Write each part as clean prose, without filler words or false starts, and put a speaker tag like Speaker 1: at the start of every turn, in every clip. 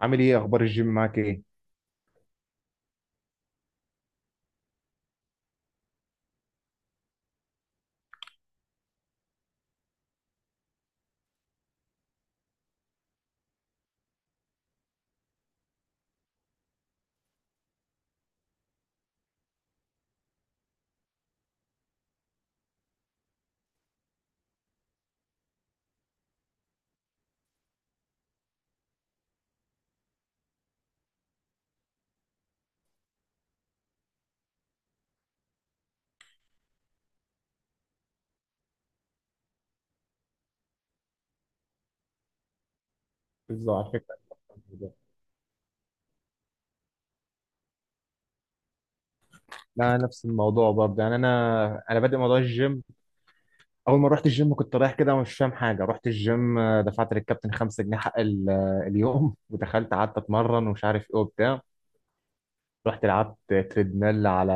Speaker 1: عامل ايه اخبار الجيم معاك ايه؟ بالظبط على فكرة. بالظبط. لا، نفس الموضوع برضه يعني انا بادئ موضوع الجيم. اول ما رحت الجيم كنت رايح كده ومش فاهم حاجه. رحت الجيم، دفعت للكابتن 5 جنيه حق اليوم ودخلت قعدت اتمرن ومش عارف ايه وبتاع. رحت لعبت تريدميل، على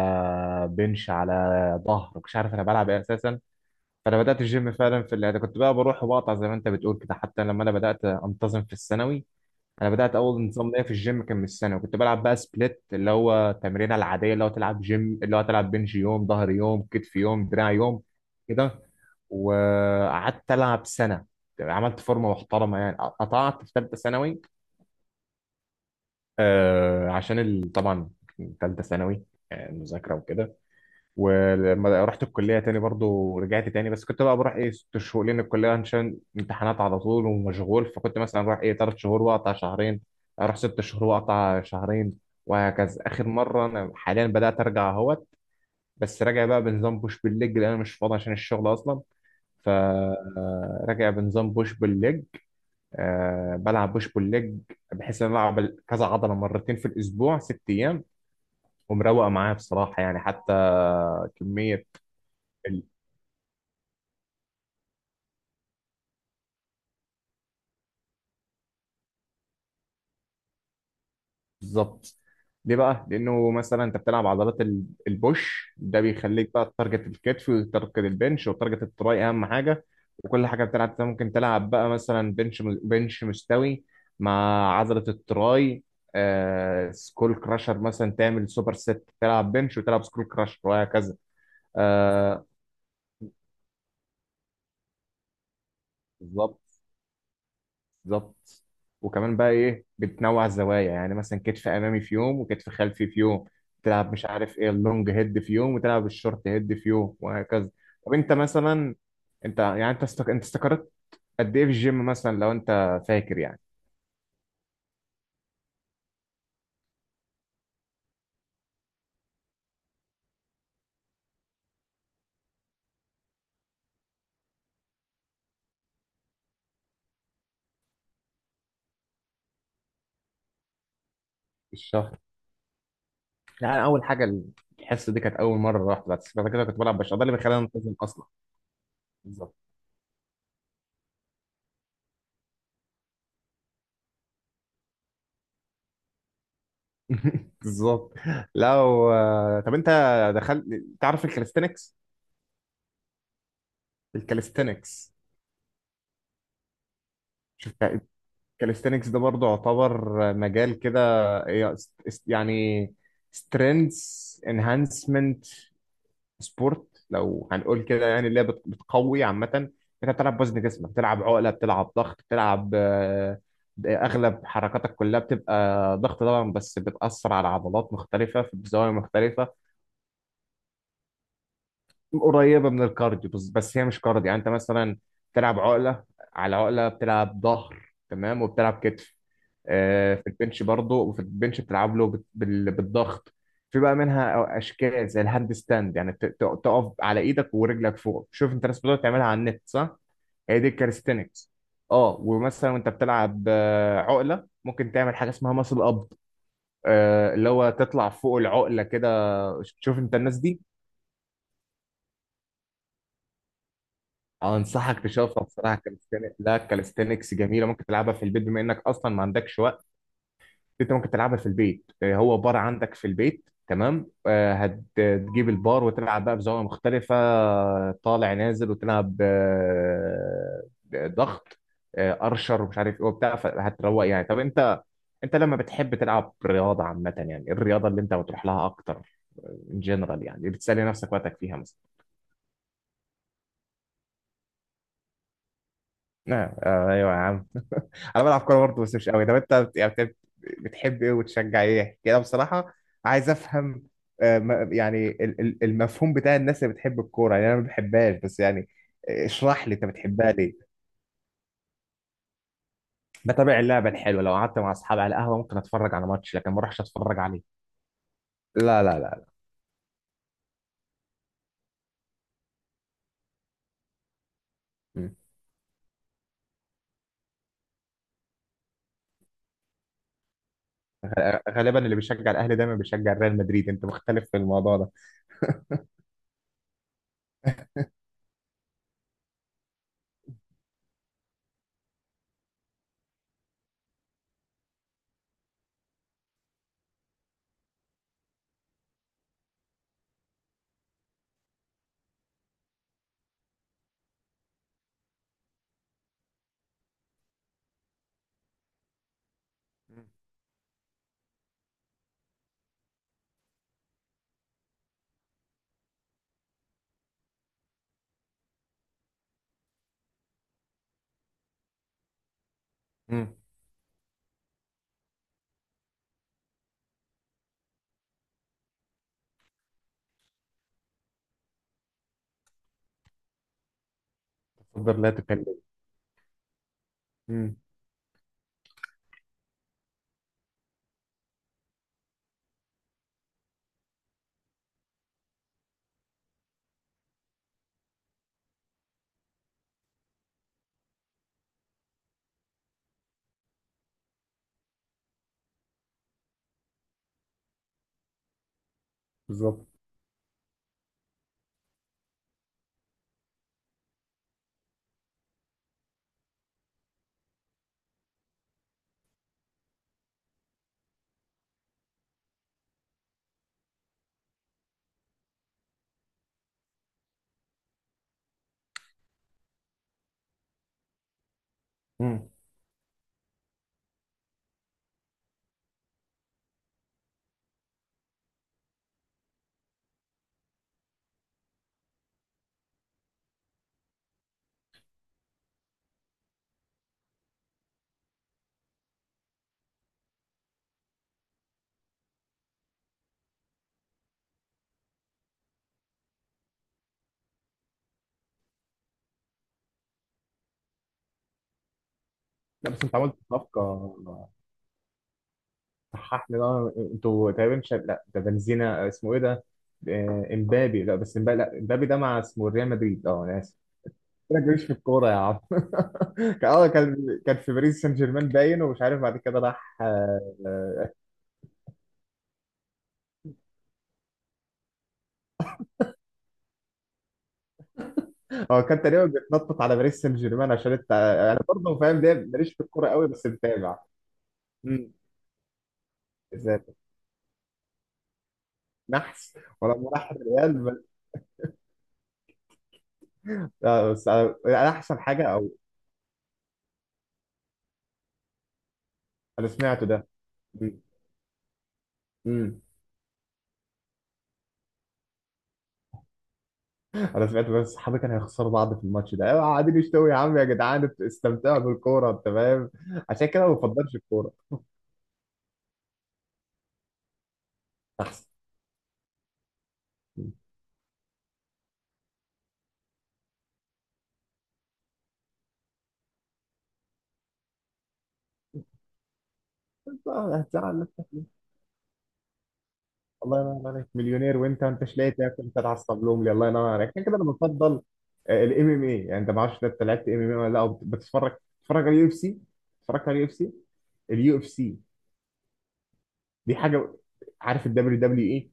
Speaker 1: بنش، على ظهر. مش عارف انا بلعب ايه اساسا. فانا بدات الجيم فعلا، في اللي كنت بقى بروح وبقطع زي ما انت بتقول كده، حتى لما انا بدات انتظم في الثانوي. انا بدات اول نظام ليا في الجيم كان من سنه، وكنت بلعب بقى سبليت، اللي هو التمرينه العاديه، اللي هو تلعب جيم، اللي هو تلعب بنج يوم، ظهر يوم، كتف يوم، دراع يوم كده. وقعدت العب سنه. عملت فورمه محترمه يعني. قطعت في ثالثه ثانوي، عشان طبعا ثالثه ثانوي، مذاكره وكده. ولما رحت الكلية تاني برضو رجعت تاني، بس كنت بقى بروح ايه 6 شهور لأن الكلية عشان امتحانات على طول ومشغول. فكنت مثلا بروح ايه 3 شهور وأقطع شهرين. أروح 6 شهور وأقطع شهرين وهكذا. آخر مرة أنا حاليا بدأت أرجع أهوت. بس راجع بقى بنظام بوش بالليج لأن أنا مش فاضي عشان الشغل أصلا. فراجع بنظام بوش بالليج، بلعب بوش بالليج، بحيث إن أنا ألعب كذا عضلة مرتين في الأسبوع 6 أيام. ومروقة معايا بصراحة يعني، حتى كمية. بالظبط. ليه بقى؟ لأنه مثلا أنت بتلعب عضلات البوش ده بيخليك بقى تارجت الكتف وتارجت البنش وتارجت التراي أهم حاجة. وكل حاجة بتلعب أنت ممكن تلعب بقى مثلا بنش، بنش مستوي، مع عضلة التراي، سكول كراشر مثلا، تعمل سوبر ست، تلعب بنش وتلعب سكول كراشر وهكذا. آه بالظبط. بالظبط. وكمان بقى ايه، بتنوع الزوايا يعني، مثلا كتف امامي في يوم وكتف خلفي في يوم. تلعب مش عارف ايه اللونج هيد في يوم وتلعب الشورت هيد في يوم وهكذا. طب انت مثلا، انت يعني، انت استقرت قد ايه في الجيم، مثلا لو انت فاكر يعني؟ في الشهر يعني، اول حاجه الحصه دي كانت اول مره رحت. بعد كده كنت بلعب بشع، ده اللي بيخليني انتظم اصلا. بالظبط. بالظبط. لو طب انت دخلت، تعرف الكاليستنكس؟ الكاليستنكس. شفت كاليستينكس ده برضه يعتبر مجال كده. إيه، يعني سترينث انهانسمنت سبورت لو هنقول كده يعني، اللي هي بتقوي عامة انت. بتلعب وزن جسمك، بتلعب عقلة، بتلعب ضغط، بتلعب اغلب حركاتك كلها بتبقى ضغط طبعا، بس بتأثر على عضلات مختلفة في زوايا مختلفة. قريبه من الكارديو، بس هي مش كارديو. يعني انت مثلا بتلعب عقله، على عقله بتلعب ظهر، تمام، وبتلعب كتف. في البنش برضه، وفي البنش بتلعب له بالضغط. في بقى منها اشكال زي الهاند ستاند، يعني تقف على ايدك ورجلك فوق. شوف انت، ناس بتقعد تعملها على النت، صح؟ هي دي الكاليستينكس. اه ومثلا وانت بتلعب عقله ممكن تعمل حاجه اسمها ماسل اب. اللي هو تطلع فوق العقله كده. شوف انت الناس دي. اه انصحك تشوفها بصراحه. كاليستينكس، لا كاليستينكس جميله، ممكن تلعبها في البيت بما انك اصلا ما عندكش وقت. انت ممكن تلعبها في البيت. هو بار عندك في البيت؟ تمام. هتجيب البار وتلعب بقى بزاويه مختلفه. طالع نازل. وتلعب ضغط، ارشر ومش عارف ايه وبتاع. فهتروق يعني. طب انت لما بتحب تلعب رياضه عامه، يعني إيه الرياضه اللي انت بتروح لها اكتر، ان جنرال يعني، بتسالي نفسك وقتك فيها مثلا؟ ايوه يا عم. انا بلعب كوره برضه بس مش قوي. طب انت يعني بتحب ايه وتشجع ايه يعني كده؟ بصراحه عايز افهم. يعني المفهوم بتاع الناس اللي بتحب الكوره يعني، انا ما بحبهاش بس يعني. اشرح لي انت بتحبها ليه. بتابع اللعبه الحلوه، لو قعدت مع اصحابي على القهوه ممكن اتفرج على ماتش، لكن ما اروحش اتفرج عليه. لا، لا، لا. مم. غالبا اللي بيشجع الاهلي دايما بيشجع ريال مدريد، انت مختلف في الموضوع ده. مم. مم. تفضل، لا تكلم. مم. بالظبط. مم. لا بس انت عملت صفقه. صحح لي بقى، انتوا تقريبا مش، لا ده بنزيما، اسمه ايه ده؟ امبابي. لا بس امبابي، لا امبابي ده مع، اسمه ريال مدريد، اه انا اسف. ما تجيبش في الكوره يا عم. كان اه كان كان في باريس سان جيرمان، باين. ومش عارف بعد كده راح هو كان تقريبا بيتنطط على باريس سان جيرمان، عشان انت، انا برضه فاهم ده، ماليش في الكوره قوي بس متابع. امم. بالذات. نحس ولما راح الريال بس. بس احسن حاجه او. انا سمعته ده. امم. انا سمعت، بس صحابي كانوا هيخسروا بعض في الماتش ده، أيوة، قاعدين يشتوا. يا عم يا جدعان استمتعوا بالكوره، انت فاهم؟ عشان كده ما بفضلش الكوره. احسن. أنت هتزعل نفسك. الله ينور عليك، مليونير وانت ما انتش لاقي تاكل، انت تعصب لهم لي الله ينور عليك. عشان كده انا بفضل الـMMA يعني. انت ما اعرفش انت لعبت MMA ولا لا، أو بتتفرج على الـUFC؟ اتفرجت على الـUFC؟ اليو اف سي دي حاجه. عارف الـWWE،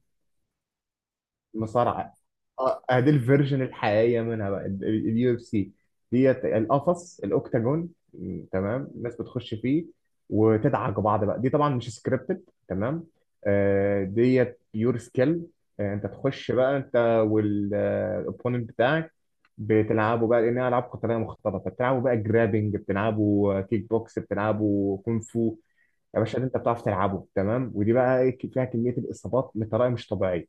Speaker 1: مصارعه؟ دي الفيرجن الحقيقيه منها بقى، الـUFC ديت، القفص الاوكتاجون، تمام. الناس بتخش فيه، وتدعك بعض بقى. دي طبعا مش سكريبتد، تمام. ديت بيور سكيل. انت تخش بقى، انت والاوبوننت بتاعك، بتلعبوا بقى لانها العاب قتاليه مختلطه. بتلعبوا بقى جرابنج، بتلعبوا كيك بوكس، بتلعبوا كونغ فو يا باشا، اللي انت بتعرف تلعبه. تمام. ودي بقى إيه، فيها كميه الاصابات بطريقه مش طبيعيه.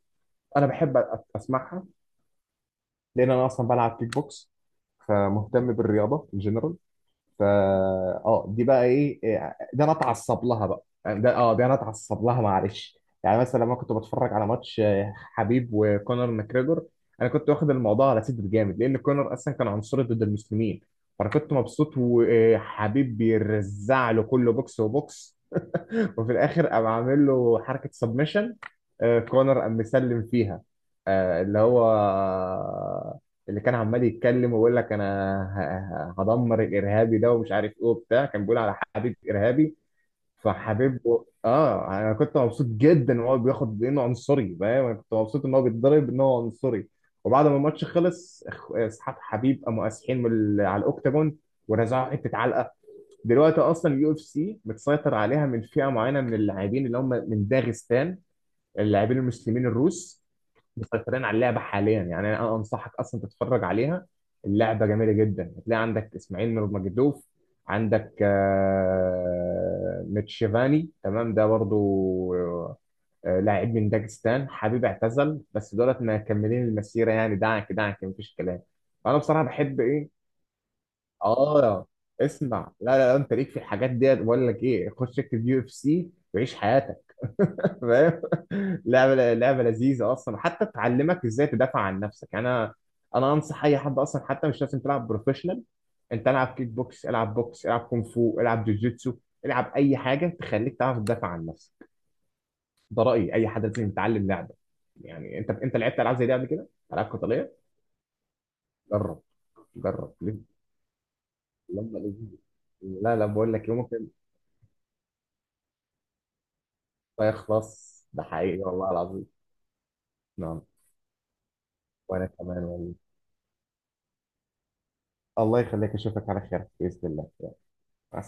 Speaker 1: انا بحب اسمعها، لان انا اصلا بلعب كيك بوكس، فمهتم بالرياضه ان جنرال. فا اه دي بقى ايه. إيه، ده انا اتعصب لها بقى يعني، ده انا اتعصب لها معلش يعني. مثلا لما كنت بتفرج على ماتش حبيب وكونر ماكريجور. انا كنت واخد الموضوع على سد جامد، لان كونر اصلا كان عنصري ضد المسلمين. فانا كنت مبسوط، وحبيب بيرزع له، كله بوكس وبوكس. وفي الاخر قام عامل له حركه سبمشن، كونر قام مسلم فيها. آه، اللي هو اللي كان عمال يتكلم ويقول لك، انا هدمر الارهابي ده ومش عارف ايه وبتاع، كان بيقول على حبيب ارهابي. فحبيبه. اه انا كنت مبسوط جدا ان هو بياخد انه عنصري، فاهم؟ انا كنت مبسوط ان هو بيتضرب، ان هو عنصري. وبعد ما الماتش خلص، اصحاب حبيب قاموا قاسحين على الاوكتاجون، ورزعوا حته علقه. دلوقتي اصلا الـUFC متسيطر عليها من فئه معينه من اللاعبين، اللي هم من داغستان، اللاعبين المسلمين الروس. مسيطرين على اللعبه حاليا يعني. انا انصحك اصلا تتفرج عليها. اللعبه جميله جدا، هتلاقي عندك اسماعيل نور مجدوف. عندك ميتشيفاني، تمام ده برضو، لاعب من داغستان. حبيب اعتزل بس دولت مكملين المسيره يعني، دعك دعك مفيش كلام. فانا بصراحه بحب ايه. اه اسمع. لا، لا، لا، انت ليك في الحاجات ديت. بقول لك ايه، خش اكتب UFC وعيش حياتك. فاهم؟ لعبه، لعبه لذيذه اصلا، حتى تعلمك ازاي تدافع عن نفسك يعني. انا انصح اي حد اصلا، حتى مش لازم تلعب بروفيشنال. انت العب كيك بوكس، العب بوكس، العب كونغ فو، العب جوجيتسو، العب اي حاجه تخليك تعرف تدافع عن نفسك. ده رايي، اي حد لازم يتعلم لعبه. يعني انت لعبت العاب زي دي قبل كده، العاب قتاليه؟ جرب. جرب ليه؟ لما لذيذ. لا، لا، بقول لك يومك. لا يخلص ده، حقيقي والله العظيم. نعم. وانا كمان والله. الله يخليك، اشوفك على خير باذن الله. مع السلامه.